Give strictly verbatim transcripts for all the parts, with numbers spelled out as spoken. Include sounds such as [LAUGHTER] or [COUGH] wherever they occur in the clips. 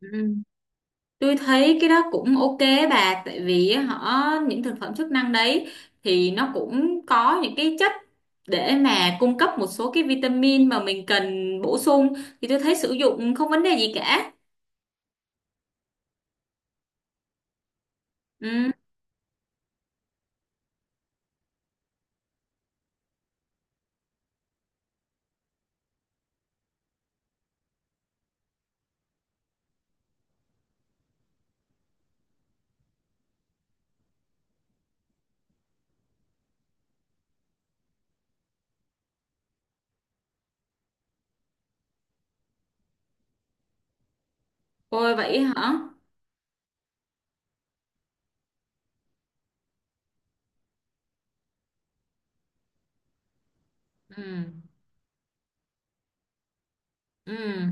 Ừ. Tôi thấy cái đó cũng ok bà tại vì họ những thực phẩm chức năng đấy thì nó cũng có những cái chất để mà cung cấp một số cái vitamin mà mình cần bổ sung, thì tôi thấy sử dụng không vấn đề gì cả. Ừ. Ôi vậy hả. Ừ. Ừ.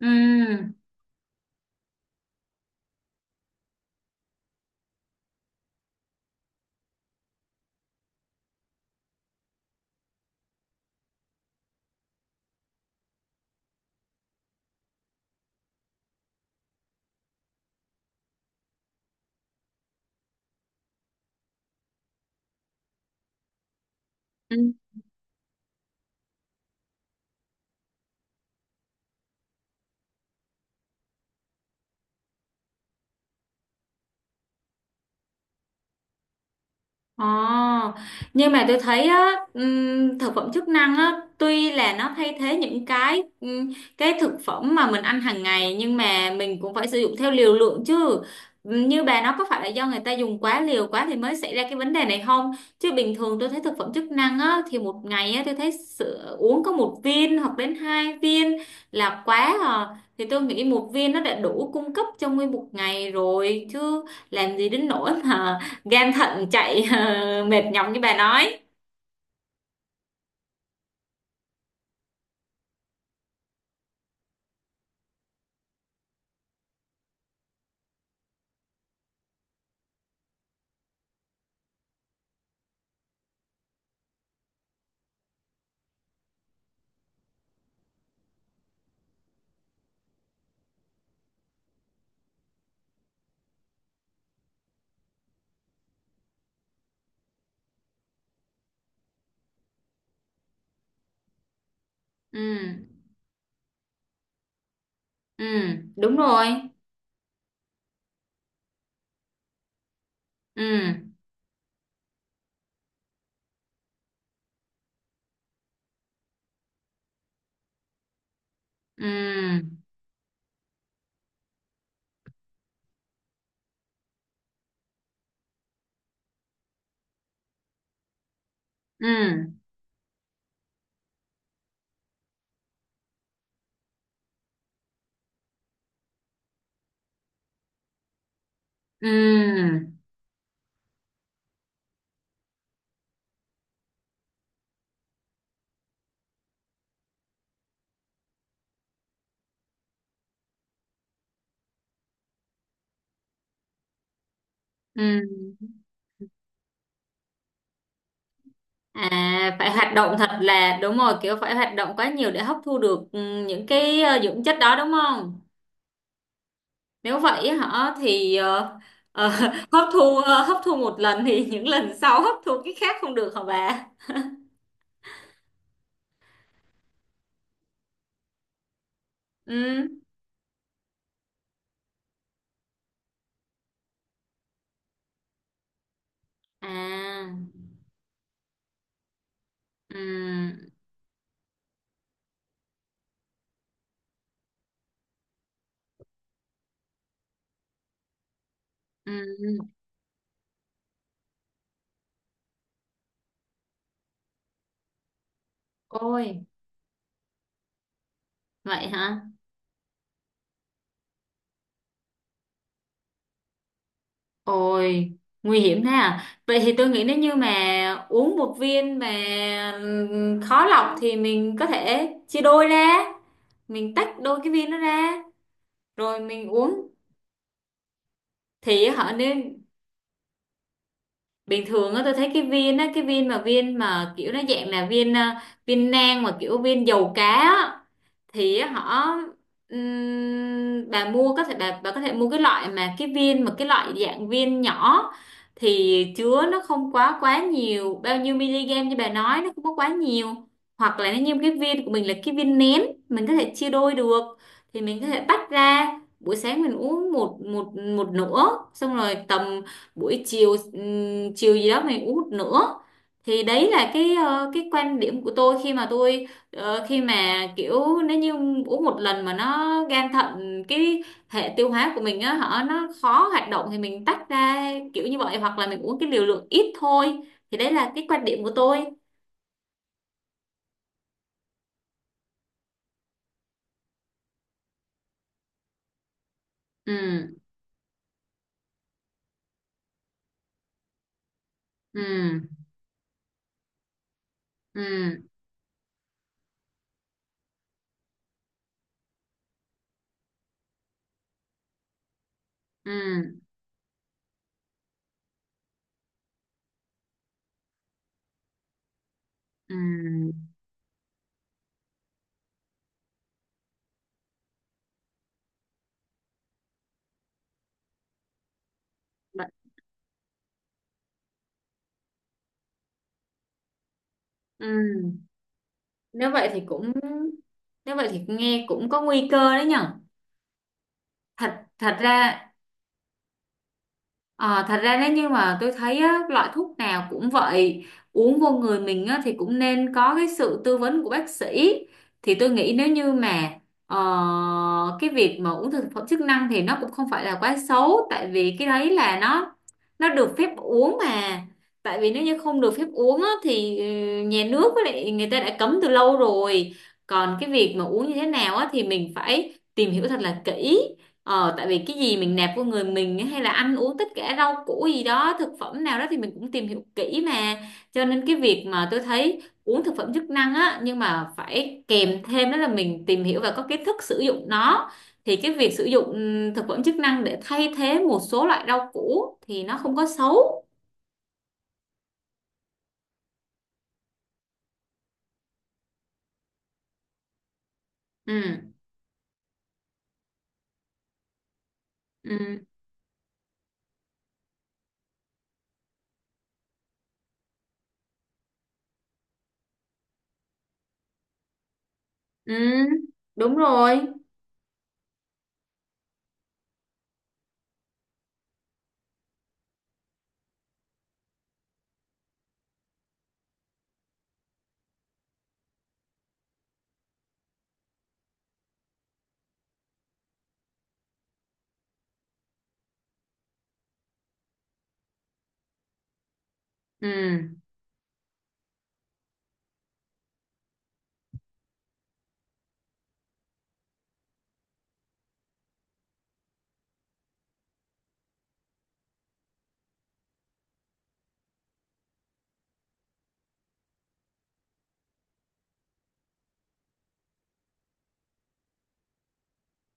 Ừ. Ừ. Ồ, nhưng mà tôi thấy á, ừm, thực phẩm chức năng á, tuy là nó thay thế những cái ừm, cái thực phẩm mà mình ăn hàng ngày, nhưng mà mình cũng phải sử dụng theo liều lượng chứ. Ừm, Như bà nói, có phải là do người ta dùng quá liều quá thì mới xảy ra cái vấn đề này không? Chứ bình thường tôi thấy thực phẩm chức năng á, thì một ngày á, tôi thấy sữa, uống có một viên hoặc đến hai viên là quá à. Thì tôi nghĩ một viên nó đã đủ cung cấp trong nguyên một ngày rồi chứ, làm gì đến nỗi mà gan thận chạy [LAUGHS] mệt nhọc như bà nói. Ừ. Ừ, đúng rồi. Ừ. Ừ. Ừ. Ừ. Ừ. À, phải hoạt động thật, là đúng rồi, kiểu phải hoạt động quá nhiều để hấp thu được, ừ, những cái ờ, dưỡng chất đó, đúng không? Nếu vậy hả? thì ờ, ờ, [LAUGHS] hấp thu ờ, hấp thu một lần thì [LAUGHS] những lần sau hấp thu cái khác không được hả bà? Ừ. À. Ừ. Ừ. Ôi vậy hả. Ôi, nguy hiểm thế à? Vậy thì tôi nghĩ nếu như mà uống một viên mà khó lọc thì mình có thể chia đôi ra. Mình tách đôi cái viên nó ra. Rồi mình uống. Thì họ nên, bình thường á tôi thấy cái viên á, cái viên mà viên mà kiểu nó dạng là viên à, viên nang, mà kiểu viên dầu cá á. Thì họ, ừm, bà mua có thể bà bà có thể mua cái loại mà cái viên mà cái loại dạng viên nhỏ, thì chứa nó không quá quá nhiều, bao nhiêu miligam như bà nói nó không có quá nhiều. Hoặc là nó như cái viên của mình là cái viên nén, mình có thể chia đôi được, thì mình có thể tách ra, buổi sáng mình uống một một một nửa, xong rồi tầm buổi chiều, ừm, chiều gì đó mình uống một nửa. Thì đấy là cái ờ, cái quan điểm của tôi, khi mà tôi, ờ, khi mà kiểu, nếu như uống một lần mà nó gan thận, cái hệ tiêu hóa của mình á, họ nó khó hoạt động, thì mình tách ra kiểu như vậy, hoặc là mình uống cái liều lượng ít thôi. Thì đấy là cái quan điểm của tôi. Ừ. Ừ. Ừ. Ừ. Ừ. Bạn- ừ. Nếu vậy thì cũng, nếu vậy thì nghe cũng có nguy cơ đấy nhở. Thật Thật ra. Ờ, thật ra nếu như mà tôi thấy á, loại thuốc nào cũng vậy, uống vô người mình á, thì cũng nên có cái sự tư vấn của bác sĩ. Thì tôi nghĩ nếu như mà, ờ, cái việc mà uống thực phẩm chức năng thì nó cũng không phải là quá xấu, tại vì cái đấy là nó nó được phép uống mà. Tại vì nếu như không được phép uống á, thì ừ, nhà nước với lại người ta đã cấm từ lâu rồi. Còn cái việc mà uống như thế nào á, thì mình phải tìm hiểu thật là kỹ. Ờ, tại vì cái gì mình nạp vô người mình ấy, hay là ăn uống tất cả rau củ gì đó, thực phẩm nào đó, thì mình cũng tìm hiểu kỹ mà. Cho nên cái việc mà tôi thấy uống thực phẩm chức năng á, nhưng mà phải kèm thêm đó là mình tìm hiểu và có kiến thức sử dụng nó, thì cái việc sử dụng, ừm, thực phẩm chức năng để thay thế một số loại rau củ thì nó không có xấu. Ừ. Ừ. Ừ đúng rồi. Ừ.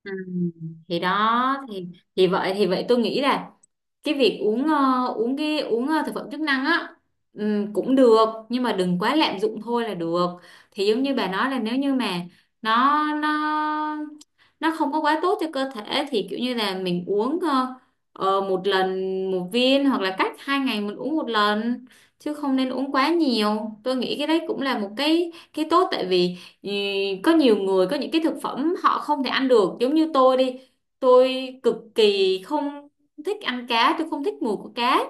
Ừ. Thì đó thì, thì vậy thì vậy tôi nghĩ là cái việc uống, ờ, uống cái uống ờ, thực phẩm chức năng á, ừm, cũng được, nhưng mà đừng quá lạm dụng thôi là được. Thì giống như bà nói là nếu như mà nó nó nó không có quá tốt cho cơ thể, thì kiểu như là mình uống ờ, ờ, một lần, một viên, hoặc là cách hai ngày mình uống một lần, chứ không nên uống quá nhiều. Tôi nghĩ cái đấy cũng là một cái cái tốt, tại vì ừ, có nhiều người có những cái thực phẩm họ không thể ăn được, giống như tôi đi, tôi cực kỳ không thích ăn cá, tôi không thích mùi của cá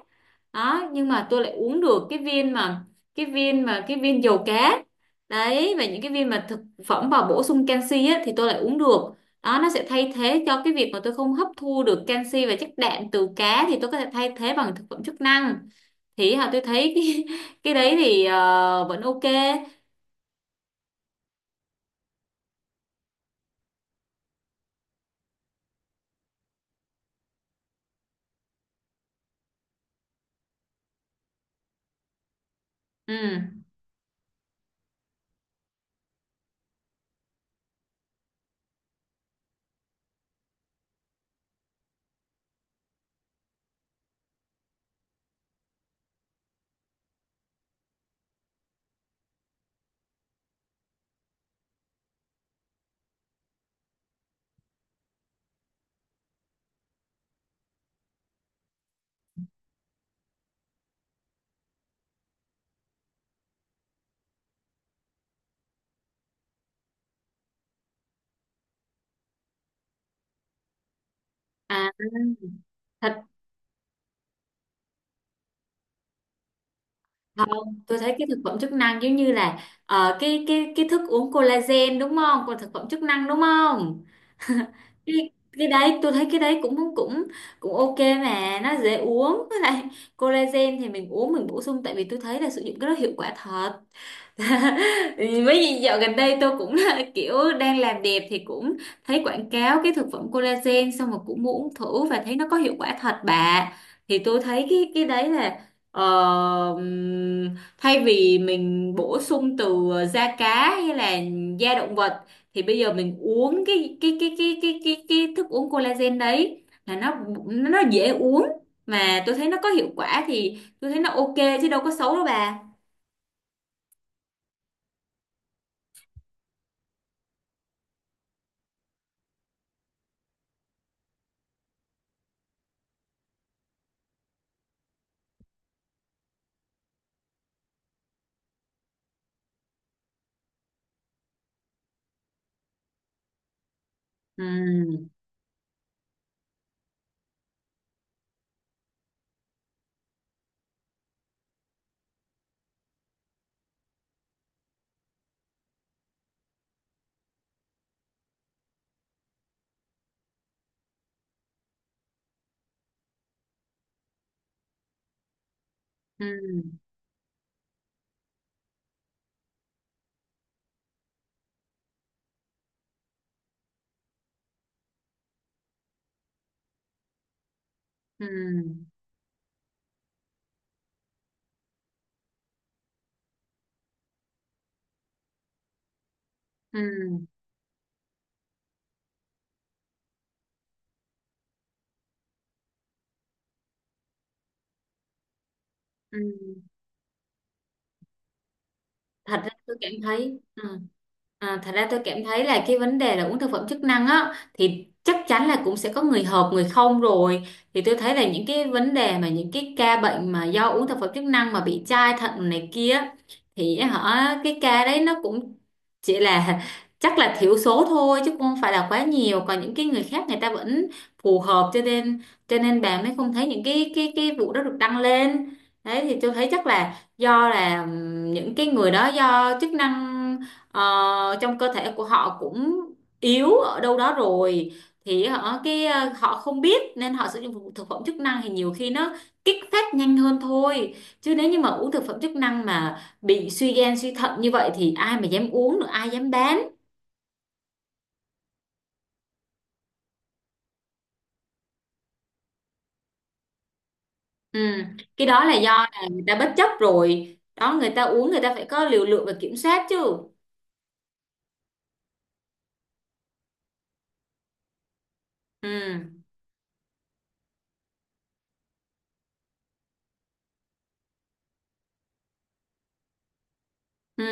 đó. Nhưng mà tôi lại uống được cái viên mà cái viên mà cái viên dầu cá đấy, và những cái viên mà thực phẩm vào bổ sung canxi á, thì tôi lại uống được. Đó, nó sẽ thay thế cho cái việc mà tôi không hấp thu được canxi và chất đạm từ cá, thì tôi có thể thay thế bằng thực phẩm chức năng. Thì hả tôi thấy cái, [LAUGHS] cái đấy thì ờ, vẫn ok. Ừ. À. Thật. Không, tôi thấy cái thực phẩm chức năng giống như là, ờ, cái cái cái thức uống collagen đúng không, còn thực phẩm chức năng đúng không. Cái cái đấy tôi thấy cái đấy cũng cũng cũng ok, mà nó dễ uống. Với lại collagen thì mình uống, mình bổ sung, tại vì tôi thấy là sử dụng cái đó hiệu quả thật. [LAUGHS] Với gì dạo gần đây tôi cũng là [LAUGHS] kiểu đang làm đẹp, thì cũng thấy quảng cáo cái thực phẩm collagen, xong rồi cũng muốn thử và thấy nó có hiệu quả thật bà. Thì tôi thấy cái cái đấy là, ờ, ừm, thay vì mình bổ sung từ, ờ, da cá hay là da động vật, thì bây giờ mình uống cái cái cái cái cái cái cái thức uống collagen đấy, là nó nó dễ uống, mà tôi thấy nó có hiệu quả, thì tôi thấy nó ok, chứ đâu có xấu đâu bà. Ừ. Ừ. Ừ. Ừ. Ừ. Thật ra tôi cảm thấy ừ. À, thật ra tôi cảm thấy là cái vấn đề là uống thực phẩm chức năng á, thì chắc chắn là cũng sẽ có người hợp người không rồi. Thì tôi thấy là những cái vấn đề mà, những cái ca bệnh mà do uống thực phẩm chức năng mà bị chai thận này kia, thì họ, cái ca đấy nó cũng chỉ là [LAUGHS] chắc là thiểu số thôi, chứ không phải là quá nhiều. Còn những cái người khác người ta vẫn phù hợp, cho nên, cho nên bà mới không thấy những cái cái cái vụ đó được đăng lên. Đấy, thì tôi thấy chắc là do là những cái người đó do chức năng, ờ, trong cơ thể của họ cũng yếu ở đâu đó rồi, thì họ cái ờ, họ không biết nên họ sử dụng thực thực phẩm chức năng, thì nhiều khi nó kích phát nhanh hơn thôi. Chứ nếu như mà uống thực phẩm chức năng mà bị suy gan suy thận như vậy thì ai mà dám uống nữa, ai dám bán. Ừ. Cái đó là do là người ta bất chấp rồi đó, người ta uống người ta phải có liều lượng và kiểm soát chứ. Ừ. Ừ.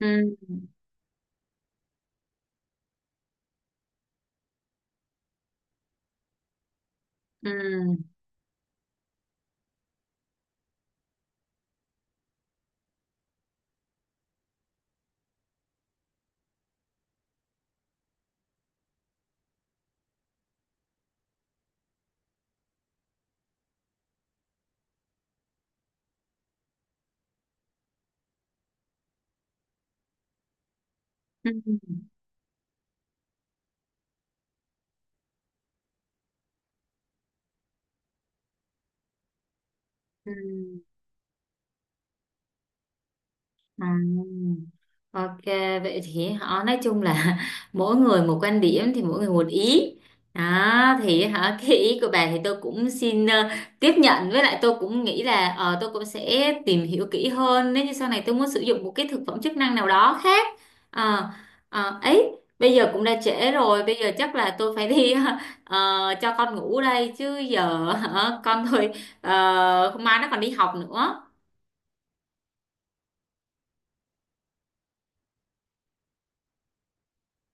Ừ. Ừ. Ừ. Ừ. À, ok, vậy thì họ nói chung là [LAUGHS] mỗi người một quan điểm, thì mỗi người một ý. Đó thì hả [LAUGHS] cái ý của bà thì tôi cũng xin, ờ, tiếp nhận, với lại tôi cũng nghĩ là, ờ, tôi cũng sẽ tìm hiểu kỹ hơn nếu như sau này tôi muốn sử dụng một cái thực phẩm chức năng nào đó khác. Ờ, ờ, ấy, bây giờ cũng đã trễ rồi, bây giờ chắc là tôi phải đi [LAUGHS] ờ, cho con ngủ đây chứ giờ hả, con thôi, ờ, mai nó còn đi học nữa.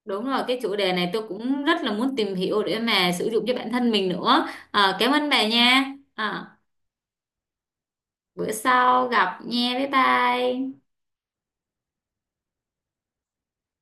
Đúng rồi, cái chủ đề này tôi cũng rất là muốn tìm hiểu để mà sử dụng cho bản thân mình nữa. Ờ, cảm ơn bà nha. Ờ, bữa sau gặp nha, bye bye.